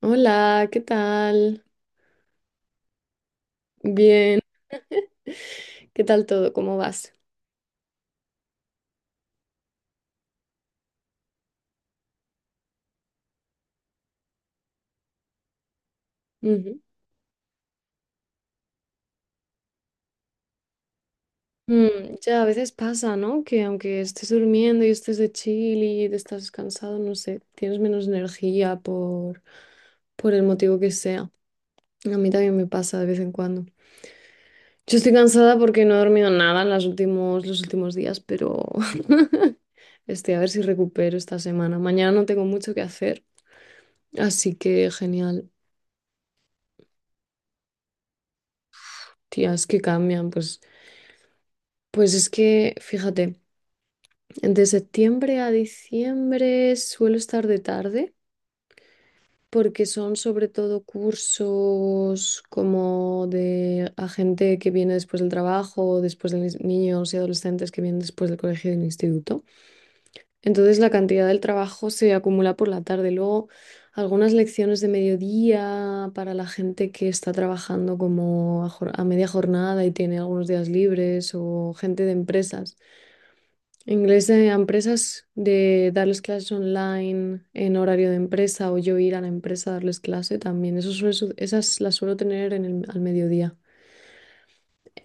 Hola, ¿qué tal? Bien, ¿qué tal todo? ¿Cómo vas? Ujú. Mm, ya a veces pasa, ¿no? Que aunque estés durmiendo y estés de chill y te estás cansado, no sé, tienes menos energía por el motivo que sea. A mí también me pasa de vez en cuando. Yo estoy cansada porque no he dormido nada en los últimos días, pero a ver si recupero esta semana. Mañana no tengo mucho que hacer, así que genial. Tías que cambian, pues, pues es que, fíjate. De septiembre a diciembre suelo estar de tarde porque son sobre todo cursos como de a gente que viene después del trabajo, después de mis niños y adolescentes que vienen después del colegio y del instituto. Entonces la cantidad del trabajo se acumula por la tarde. Luego algunas lecciones de mediodía para la gente que está trabajando como a, a media jornada y tiene algunos días libres o gente de empresas Inglés de empresas, de darles clases online en horario de empresa o yo ir a la empresa a darles clase también. Eso esas las suelo tener en al mediodía.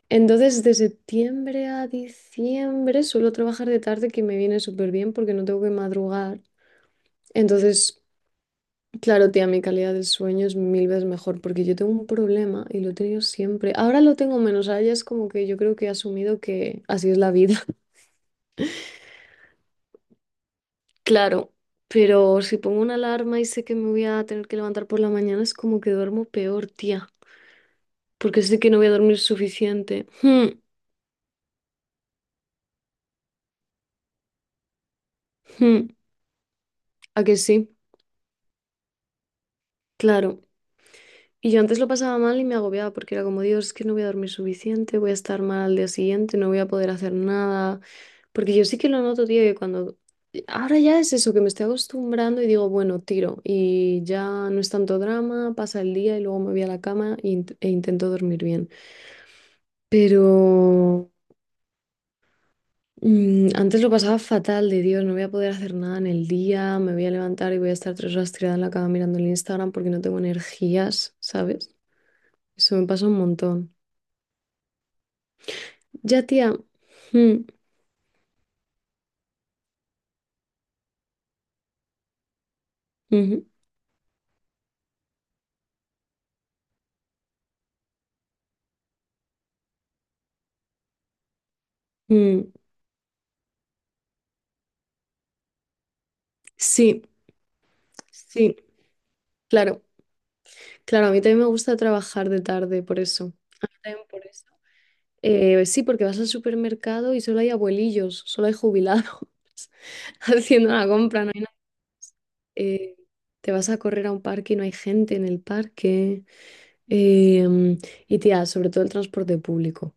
Entonces, de septiembre a diciembre suelo trabajar de tarde, que me viene súper bien porque no tengo que madrugar. Entonces, claro, tía, mi calidad del sueño es mil veces mejor porque yo tengo un problema y lo he tenido siempre. Ahora lo tengo menos, ahora ya es como que yo creo que he asumido que así es la vida. Claro, pero si pongo una alarma y sé que me voy a tener que levantar por la mañana, es como que duermo peor, tía, porque sé que no voy a dormir suficiente. Hmm, ¿A que sí? Claro. Y yo antes lo pasaba mal y me agobiaba porque era como, Dios, es que no voy a dormir suficiente, voy a estar mal al día siguiente, no voy a poder hacer nada. Porque yo sí que lo noto, tío, que cuando... Ahora ya es eso, que me estoy acostumbrando y digo, bueno, tiro y ya no es tanto drama, pasa el día y luego me voy a la cama e intento dormir bien. Pero antes lo pasaba fatal, de Dios, no voy a poder hacer nada en el día, me voy a levantar y voy a estar tres horas tirada en la cama mirando el Instagram porque no tengo energías, ¿sabes? Eso me pasa un montón. Ya, tía. Mm, ujú, mm. Sí, sí, claro. Claro, a mí también me gusta trabajar de tarde, por eso. A mí también por eso. Sí, porque vas al supermercado y solo hay abuelillos, solo hay jubilados haciendo la compra, no hay nada. Eh, te vas a correr a un parque y no hay gente en el parque. Em, y tía, sobre todo el transporte público.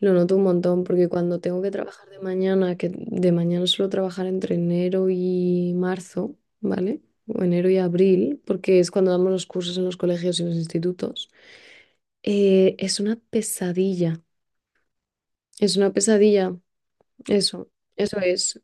Lo noto un montón porque cuando tengo que trabajar de mañana, que de mañana suelo trabajar entre enero y marzo, ¿vale? O enero y abril, porque es cuando damos los cursos en los colegios y los institutos. Es una pesadilla. Es una pesadilla. Eso, eso es.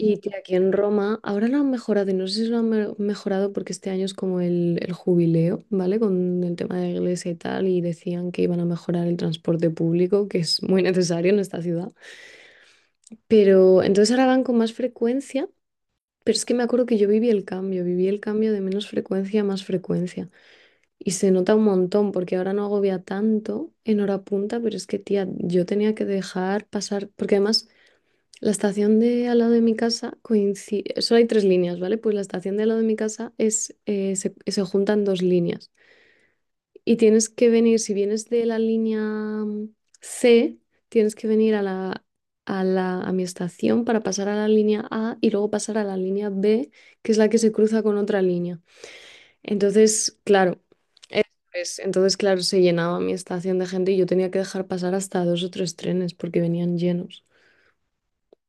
Y que aquí en Roma, ahora lo han mejorado y no sé si lo han mejorado porque este año es como el jubileo, ¿vale? Con el tema de la iglesia y tal, y decían que iban a mejorar el transporte público, que es muy necesario en esta ciudad. Pero entonces ahora van con más frecuencia, pero es que me acuerdo que yo viví el cambio de menos frecuencia a más frecuencia. Y se nota un montón porque ahora no agobia tanto en hora punta, pero es que, tía, yo tenía que dejar pasar, porque además... La estación de al lado de mi casa coincide, solo hay tres líneas, ¿vale? Pues la estación de al lado de mi casa es, se juntan dos líneas y tienes que venir, si vienes de la línea C, tienes que venir a a mi estación para pasar a la línea A y luego pasar a la línea B, que es la que se cruza con otra línea. Entonces, claro, eso es, entonces, claro, se llenaba mi estación de gente y yo tenía que dejar pasar hasta dos o tres trenes porque venían llenos.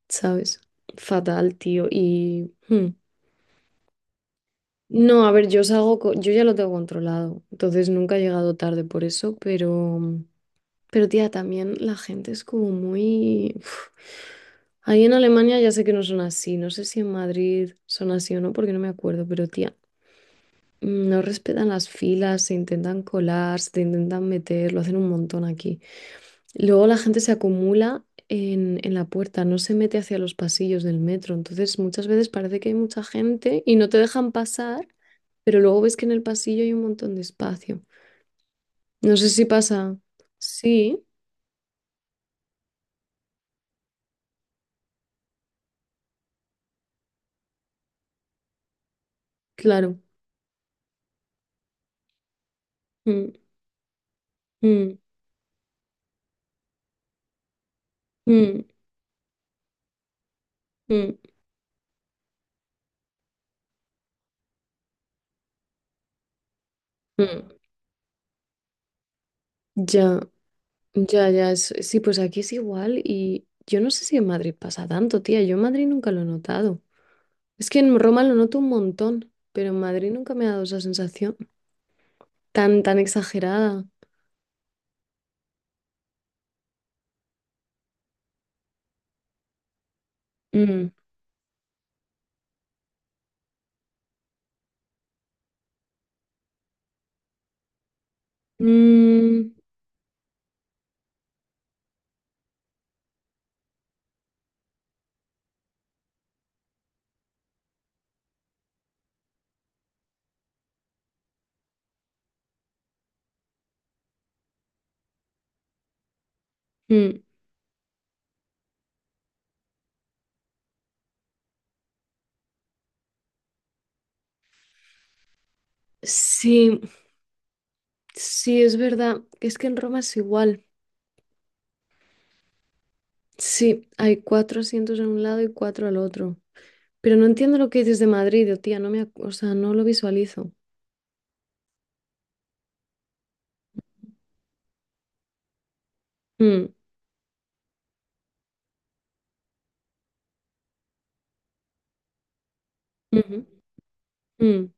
¿Sabes? Fatal, tío. No, a ver, yo salgo, yo ya lo tengo controlado, entonces nunca he llegado tarde por eso, pero tía, también la gente es como muy... uf. Ahí en Alemania ya sé que no son así, no sé si en Madrid son así o no, porque no me acuerdo, pero tía, no respetan las filas, se intentan colar, se te intentan meter, lo hacen un montón aquí. Luego la gente se acumula en la puerta, no se mete hacia los pasillos del metro. Entonces muchas veces parece que hay mucha gente y no te dejan pasar, pero luego ves que en el pasillo hay un montón de espacio. No sé si pasa. Sí, claro. Mm, mm, mm, mm, mm. Ya, ya, ya. Sí, pues aquí es igual y yo no sé si en Madrid pasa tanto, tía. Yo en Madrid nunca lo he notado. Es que en Roma lo noto un montón, pero en Madrid nunca me ha dado esa sensación tan, tan exagerada. Mm, mm, mm. Sí, sí, es verdad. Es que en Roma es igual. Sí, hay cuatro asientos en un lado y cuatro al otro. Pero no entiendo lo que dices de Madrid, oh, tía. No me, o sea, no lo visualizo. Mm, ujú, mm.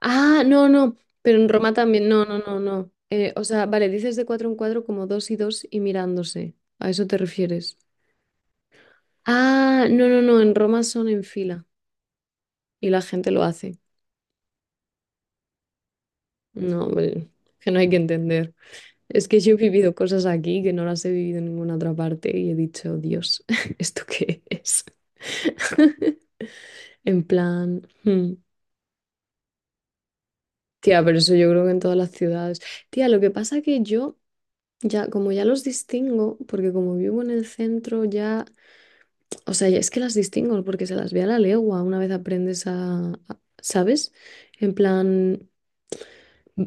Ah, no, no. Pero en Roma también. No, no, no, no. O sea, vale, dices de cuatro en cuatro como dos y dos y mirándose. ¿A eso te refieres? Ah, no, no, no. En Roma son en fila y la gente lo hace. No, hombre, que no hay que entender. Es que yo he vivido cosas aquí que no las he vivido en ninguna otra parte y he dicho, Dios, ¿esto qué es? En plan, hmm. Tía, pero eso yo creo que en todas las ciudades. Tía, lo que pasa que yo ya, como ya los distingo, porque como vivo en el centro ya, o sea, ya es que las distingo porque se las ve a la legua una vez aprendes ¿sabes? En plan,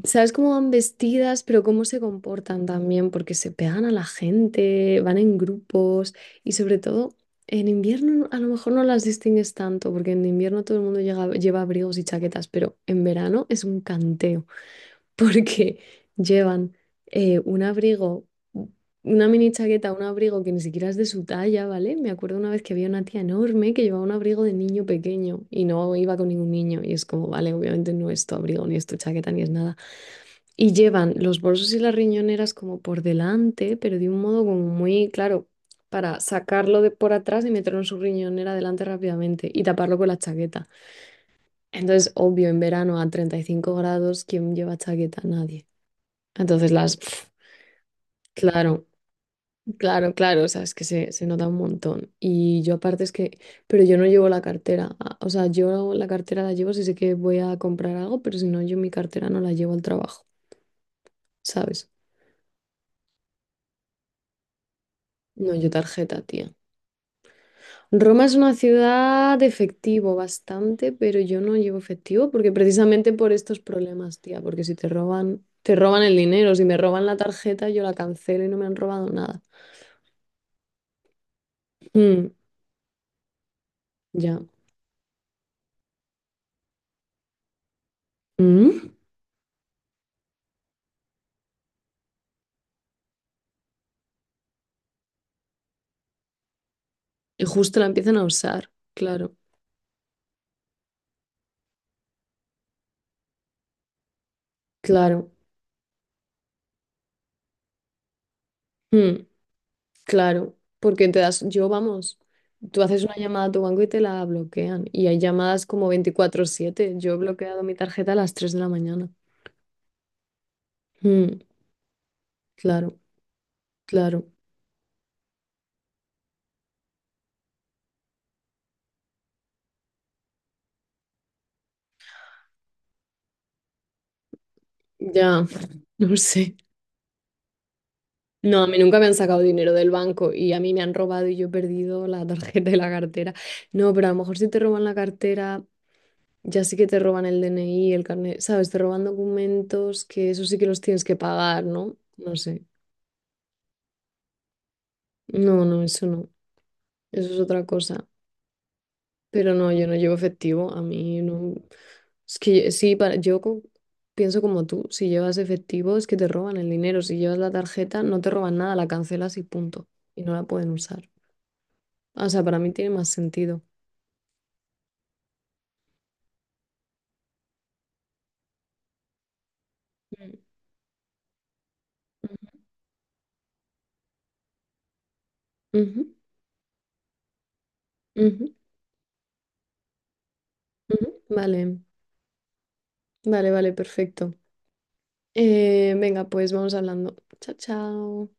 ¿sabes cómo van vestidas, pero cómo se comportan también? Porque se pegan a la gente, van en grupos y sobre todo en invierno a lo mejor no las distingues tanto, porque en invierno todo el mundo lleva abrigos y chaquetas, pero en verano es un canteo porque llevan un abrigo, una mini chaqueta, un abrigo que ni siquiera es de su talla, ¿vale? Me acuerdo una vez que había una tía enorme que llevaba un abrigo de niño pequeño y no iba con ningún niño y es como, vale, obviamente no es tu abrigo, ni es tu chaqueta, ni es nada. Y llevan los bolsos y las riñoneras como por delante, pero de un modo como muy claro. Para sacarlo de por atrás y meterlo en su riñonera delante rápidamente y taparlo con la chaqueta. Entonces, obvio, en verano a 35 grados, ¿quién lleva chaqueta? Nadie. Entonces las, pf, claro, claro, claro, o sea, es que se nota un montón. Y yo aparte es que, pero yo no llevo la cartera, o sea, yo la cartera la llevo si sé que voy a comprar algo, pero si no, yo mi cartera no la llevo al trabajo, ¿sabes? No, yo tarjeta, tía. Roma es una ciudad de efectivo bastante, pero yo no llevo efectivo porque precisamente por estos problemas, tía, porque si te roban, te roban el dinero, si me roban la tarjeta, yo la cancelo y no me han robado nada. Mm, ya. Mm. Y justo la empiezan a usar, claro, claro, mm, claro, porque te das, yo vamos, tú haces una llamada a tu banco y te la bloquean, y hay llamadas como 24/7, yo he bloqueado mi tarjeta a las 3 de la mañana, mm, claro, claro, ya, no sé, no, a mí nunca me han sacado dinero del banco y a mí me han robado y yo he perdido la tarjeta y la cartera, no, pero a lo mejor si te roban la cartera ya sí que te roban el DNI, el carnet, ¿sabes? Te roban documentos que eso sí que los tienes que pagar, ¿no? No sé. No, no, eso no. Eso es otra cosa. Pero no, yo no llevo efectivo. A mí no. Es que sí, para... pienso como tú. Si llevas efectivo es que te roban el dinero. Si llevas la tarjeta, no te roban nada, la cancelas y punto. Y no la pueden usar. O sea, para mí tiene más sentido. Mm. Ujú, ujú, ujú. Vale, vale, vale, perfecto. Venga, pues vamos hablando. Chao, chao.